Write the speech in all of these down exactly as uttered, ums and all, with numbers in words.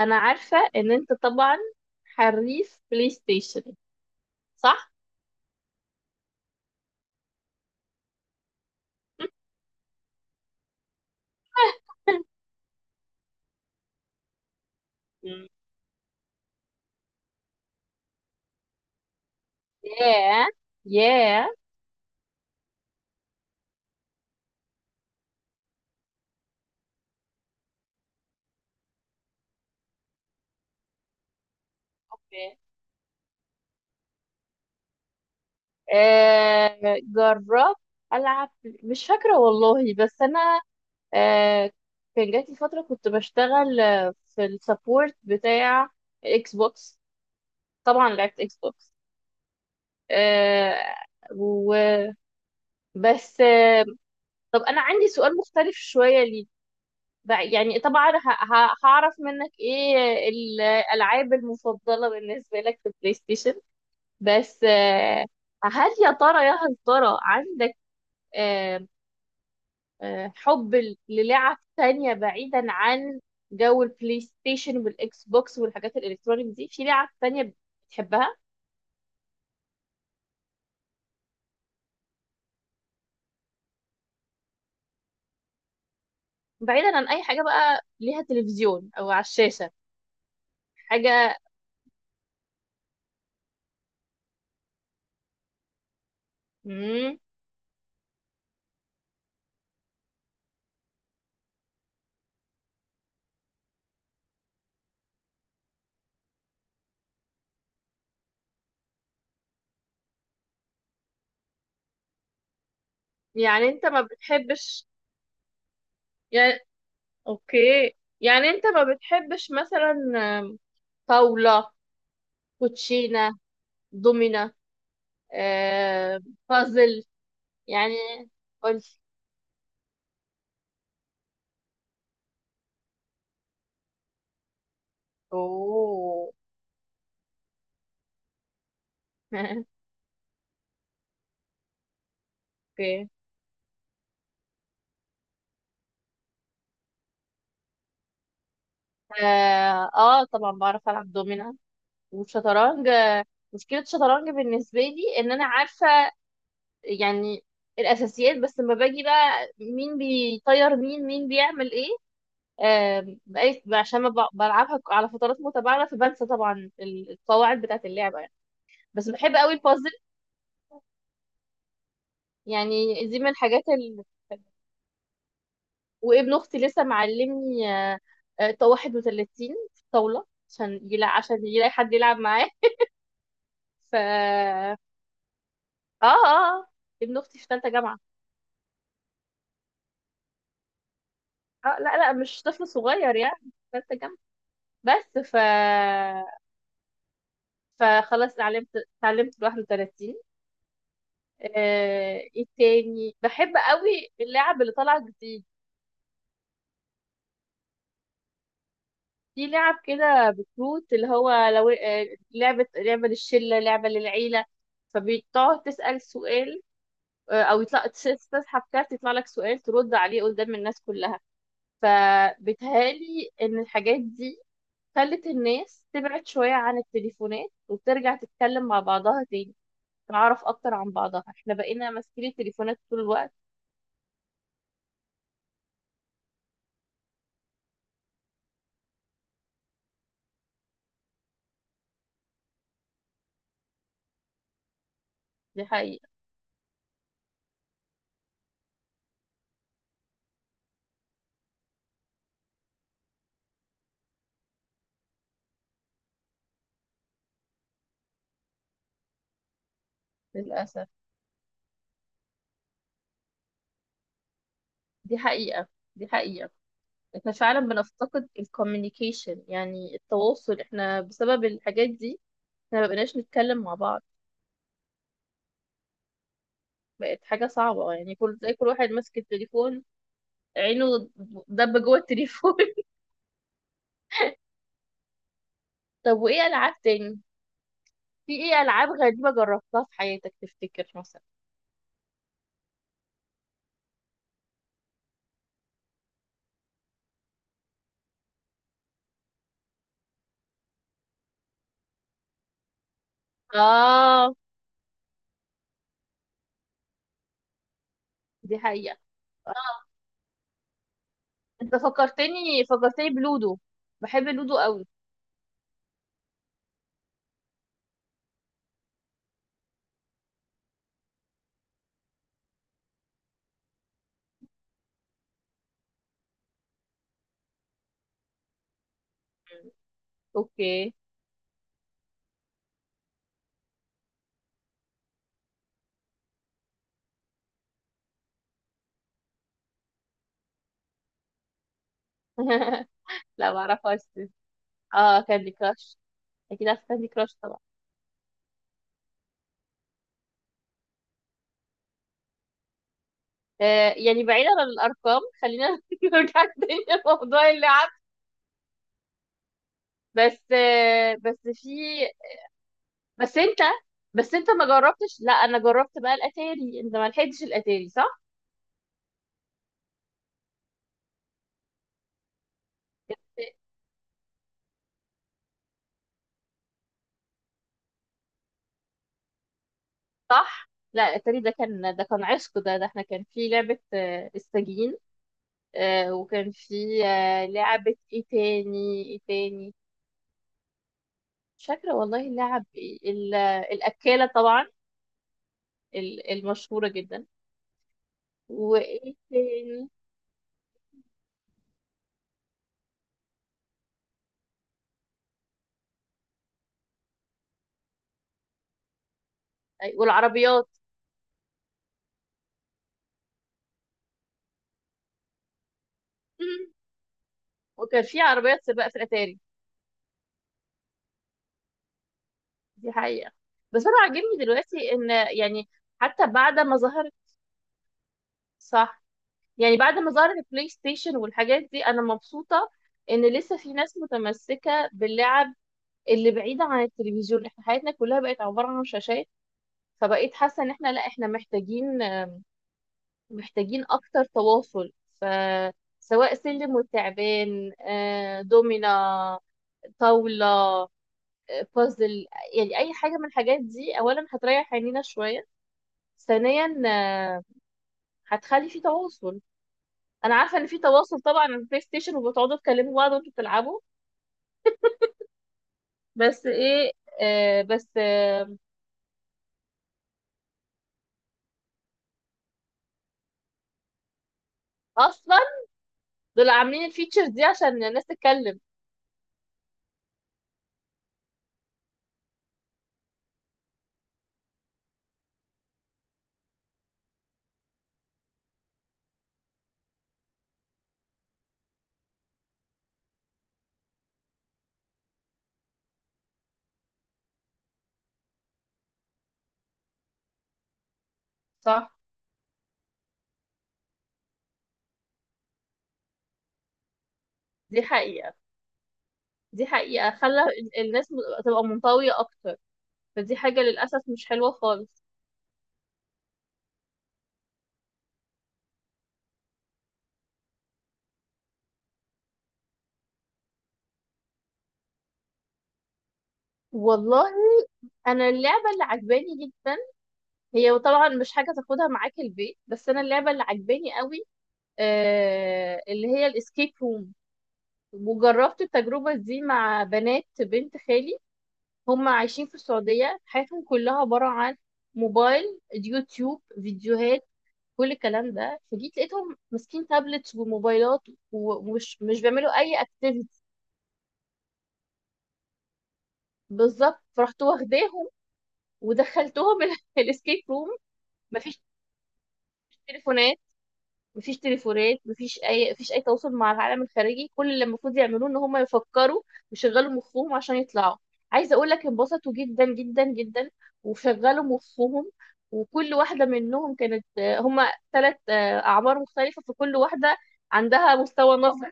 انا عارفة ان انت طبعا حريف بلاي ستيشن صح؟ مم. ياه ياه أوكي. آه، جربت العب مش فاكرة والله بس انا آه، كان جاتي فترة كنت بشتغل آه، في السبورت بتاع اكس بوكس طبعا لعبت اكس بوكس آه، وبس. آه، طب انا عندي سؤال مختلف شوية ليك بقى يعني طبعا ه- ه- هعرف منك ايه الالعاب المفضله بالنسبه لك في البلاي ستيشن بس آه، هل يا ترى يا هل ترى عندك آه، آه، حب ل- للعب تانية بعيدا عن جو البلاي ستيشن والاكس بوكس والحاجات الالكترونيك دي في لعب تانية بتحبها بعيدا عن اي حاجه بقى ليها تلفزيون او على الشاشه حاجه. مم، يعني انت ما بتحبش يعني اوكي. يعني انت ما بتحبش مثلا آم، طاولة، كوتشينة، دومينة، آه، بازل. يعني قلت اوه. اوكي. اه آه، طبعا بعرف العب دومينة والشطرنج. آه، مشكلة الشطرنج بالنسبة لي ان انا عارفة يعني الاساسيات، بس لما باجي بقى مين بيطير مين مين بيعمل ايه آم، بقيت عشان ما ب- بلعبها على فترات متباعدة فبنسى طبعا القواعد بتاعة اللعبة يعني. بس بحب قوي البازل، يعني دي من الحاجات ال... وابن اختي لسه معلمني آه، آه، طا واحد وثلاثين في الطاولة عشان يلا... عشان يلاقي حد يلعب معاه ف اه. اه آه، ابن اختي في ثالثة جامعة. اه لا لا مش طفل صغير يعني في ثالثة جامعة. بس ف فخلاص اتعلمت، اتعلمت واحد وثلاثين. آه، ايه تاني بحب قوي اللعب اللي طالعه جديد، في لعب كده بكروت اللي هو لو آه، لعبه لعبه للشله لعبه للعيله، فبتقعد تسال سؤال آه، او يطلع تس- تسحب كارت يطلع لك سؤال ترد عليه قدام الناس كلها. فبتهالي ان الحاجات دي خلت الناس تبعد شويه عن التليفونات وترجع تتكلم مع بعضها تاني، تعرف اكتر عن بعضها. احنا بقينا ماسكين التليفونات طول الوقت. دي حقيقه. للاسف دي حقيقة دي حقيقة. احنا فعلا بنفتقد الكوميونيكيشن يعني التواصل، احنا بسبب الحاجات دي احنا مبقناش نتكلم مع بعض. بقت حاجة صعبة يعني، كل زي كل واحد ماسك التليفون، عينه دب جوه التليفون. طب وايه ألعاب تاني؟ في ايه ألعاب غريبة جربتها في حياتك تفتكر مثلا؟ اه دي حقيقة. اه انت فكرتني فكرتني بلودو، بحب لودو قوي. اوكي. لا معرفهاش دي. اه كاندي كراش، اكيد عارفه كاندي كراش طبعا. آه يعني بعيدا عن الارقام خلينا نرجع تاني لموضوع اللعب. بس آه بس في. بس انت بس انت ما جربتش. لا انا جربت بقى الاتاري. انت ما لحقتش الاتاري صح؟ صح، لا الاتاري ده كان ده كان عشق. ده ده احنا كان في لعبه آه، السجين، آه وكان في آه لعبه ايه تاني ايه تاني مش فاكره والله اللعب إيه. ال- الاكاله طبعا، ال- المشهوره جدا. وايه تاني؟ أي- والعربيات. مم. وكان في عربيات سباق في الاتاري. دي حقيقة. بس انا عاجبني دلوقتي ان يعني حتى بعد ما ظهرت. صح، يعني بعد ما ظهرت البلاي ستيشن والحاجات دي انا مبسوطة ان لسه في ناس متمسكة باللعب اللي بعيدة عن التلفزيون. احنا حياتنا كلها بقت عبارة عن شاشات، فبقيت حاسة ان احنا لا احنا محتاجين محتاجين اكتر تواصل. فسواء سلم وتعبان آه، دومينا، طاولة، بازل، يعني اي حاجه من الحاجات دي اولا هتريح عينينا شويه، ثانيا آه، هتخلي في تواصل. انا عارفه ان في تواصل طبعا على البلاي ستيشن وبتقعدوا تكلموا بعض وانتوا بتلعبوا، بس ايه آه بس آه اصلا دول عاملين الفيتشر دي عشان الناس تتكلم. صح. دي حقيقه دي حقيقه، خلى ال- الناس م- تبقى منطويه اكتر، فدي حاجه للاسف مش حلوه خالص. والله انا اللعبه اللي عجباني جدا هي طبعا مش حاجه تاخدها معاك البيت، بس انا اللعبه اللي عجباني قوي آه، اللي هي الاسكيب روم. وجربت التجربة دي مع بنات بنت خالي، هم عايشين في السعودية حياتهم كلها عبارة عن موبايل، يوتيوب، فيديوهات، كل الكلام ده. فجيت لقيتهم ماسكين تابلتس وموبايلات ومش مش بيعملوا اي اكتيفيتي. بالظبط فرحت واخداهم ودخلتهم الاسكيب روم. مفيش تليفونات مفيش تليفونات، مفيش اي مفيش اي تواصل مع العالم الخارجي، كل اللي المفروض يعملوه ان هم يفكروا ويشغلوا مخهم عشان يطلعوا. عايزه اقول لك انبسطوا جدا جدا جدا وشغلوا مخهم. وكل واحده منهم كانت هم ثلاث اعمار مختلفه، فكل واحده عندها مستوى نظر،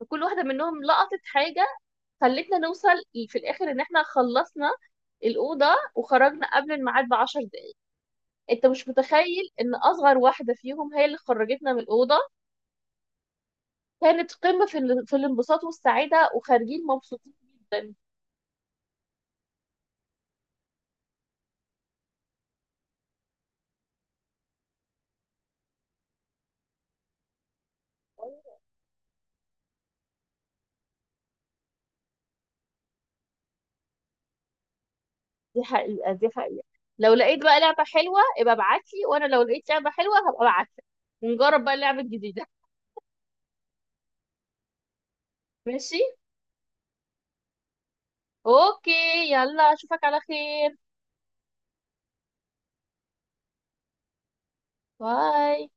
فكل واحده منهم لقطت حاجه، خلتنا نوصل في الاخر ان احنا خلصنا الأوضة وخرجنا قبل الميعاد بعشر دقايق. انت مش متخيل ان اصغر واحدة فيهم هي اللي خرجتنا من الأوضة. كانت قمة في ال- في الانبساط والسعادة، وخارجين مبسوطين جدا. دي حقيقة دي حقيقة. لو لقيت بقى لعبة حلوة ابقى ابعتلي، وانا لو لقيت لعبة حلوة هبقى ابعتلك، ونجرب بقى اللعبة الجديدة. ماشي. اوكي، يلا اشوفك على خير. باي.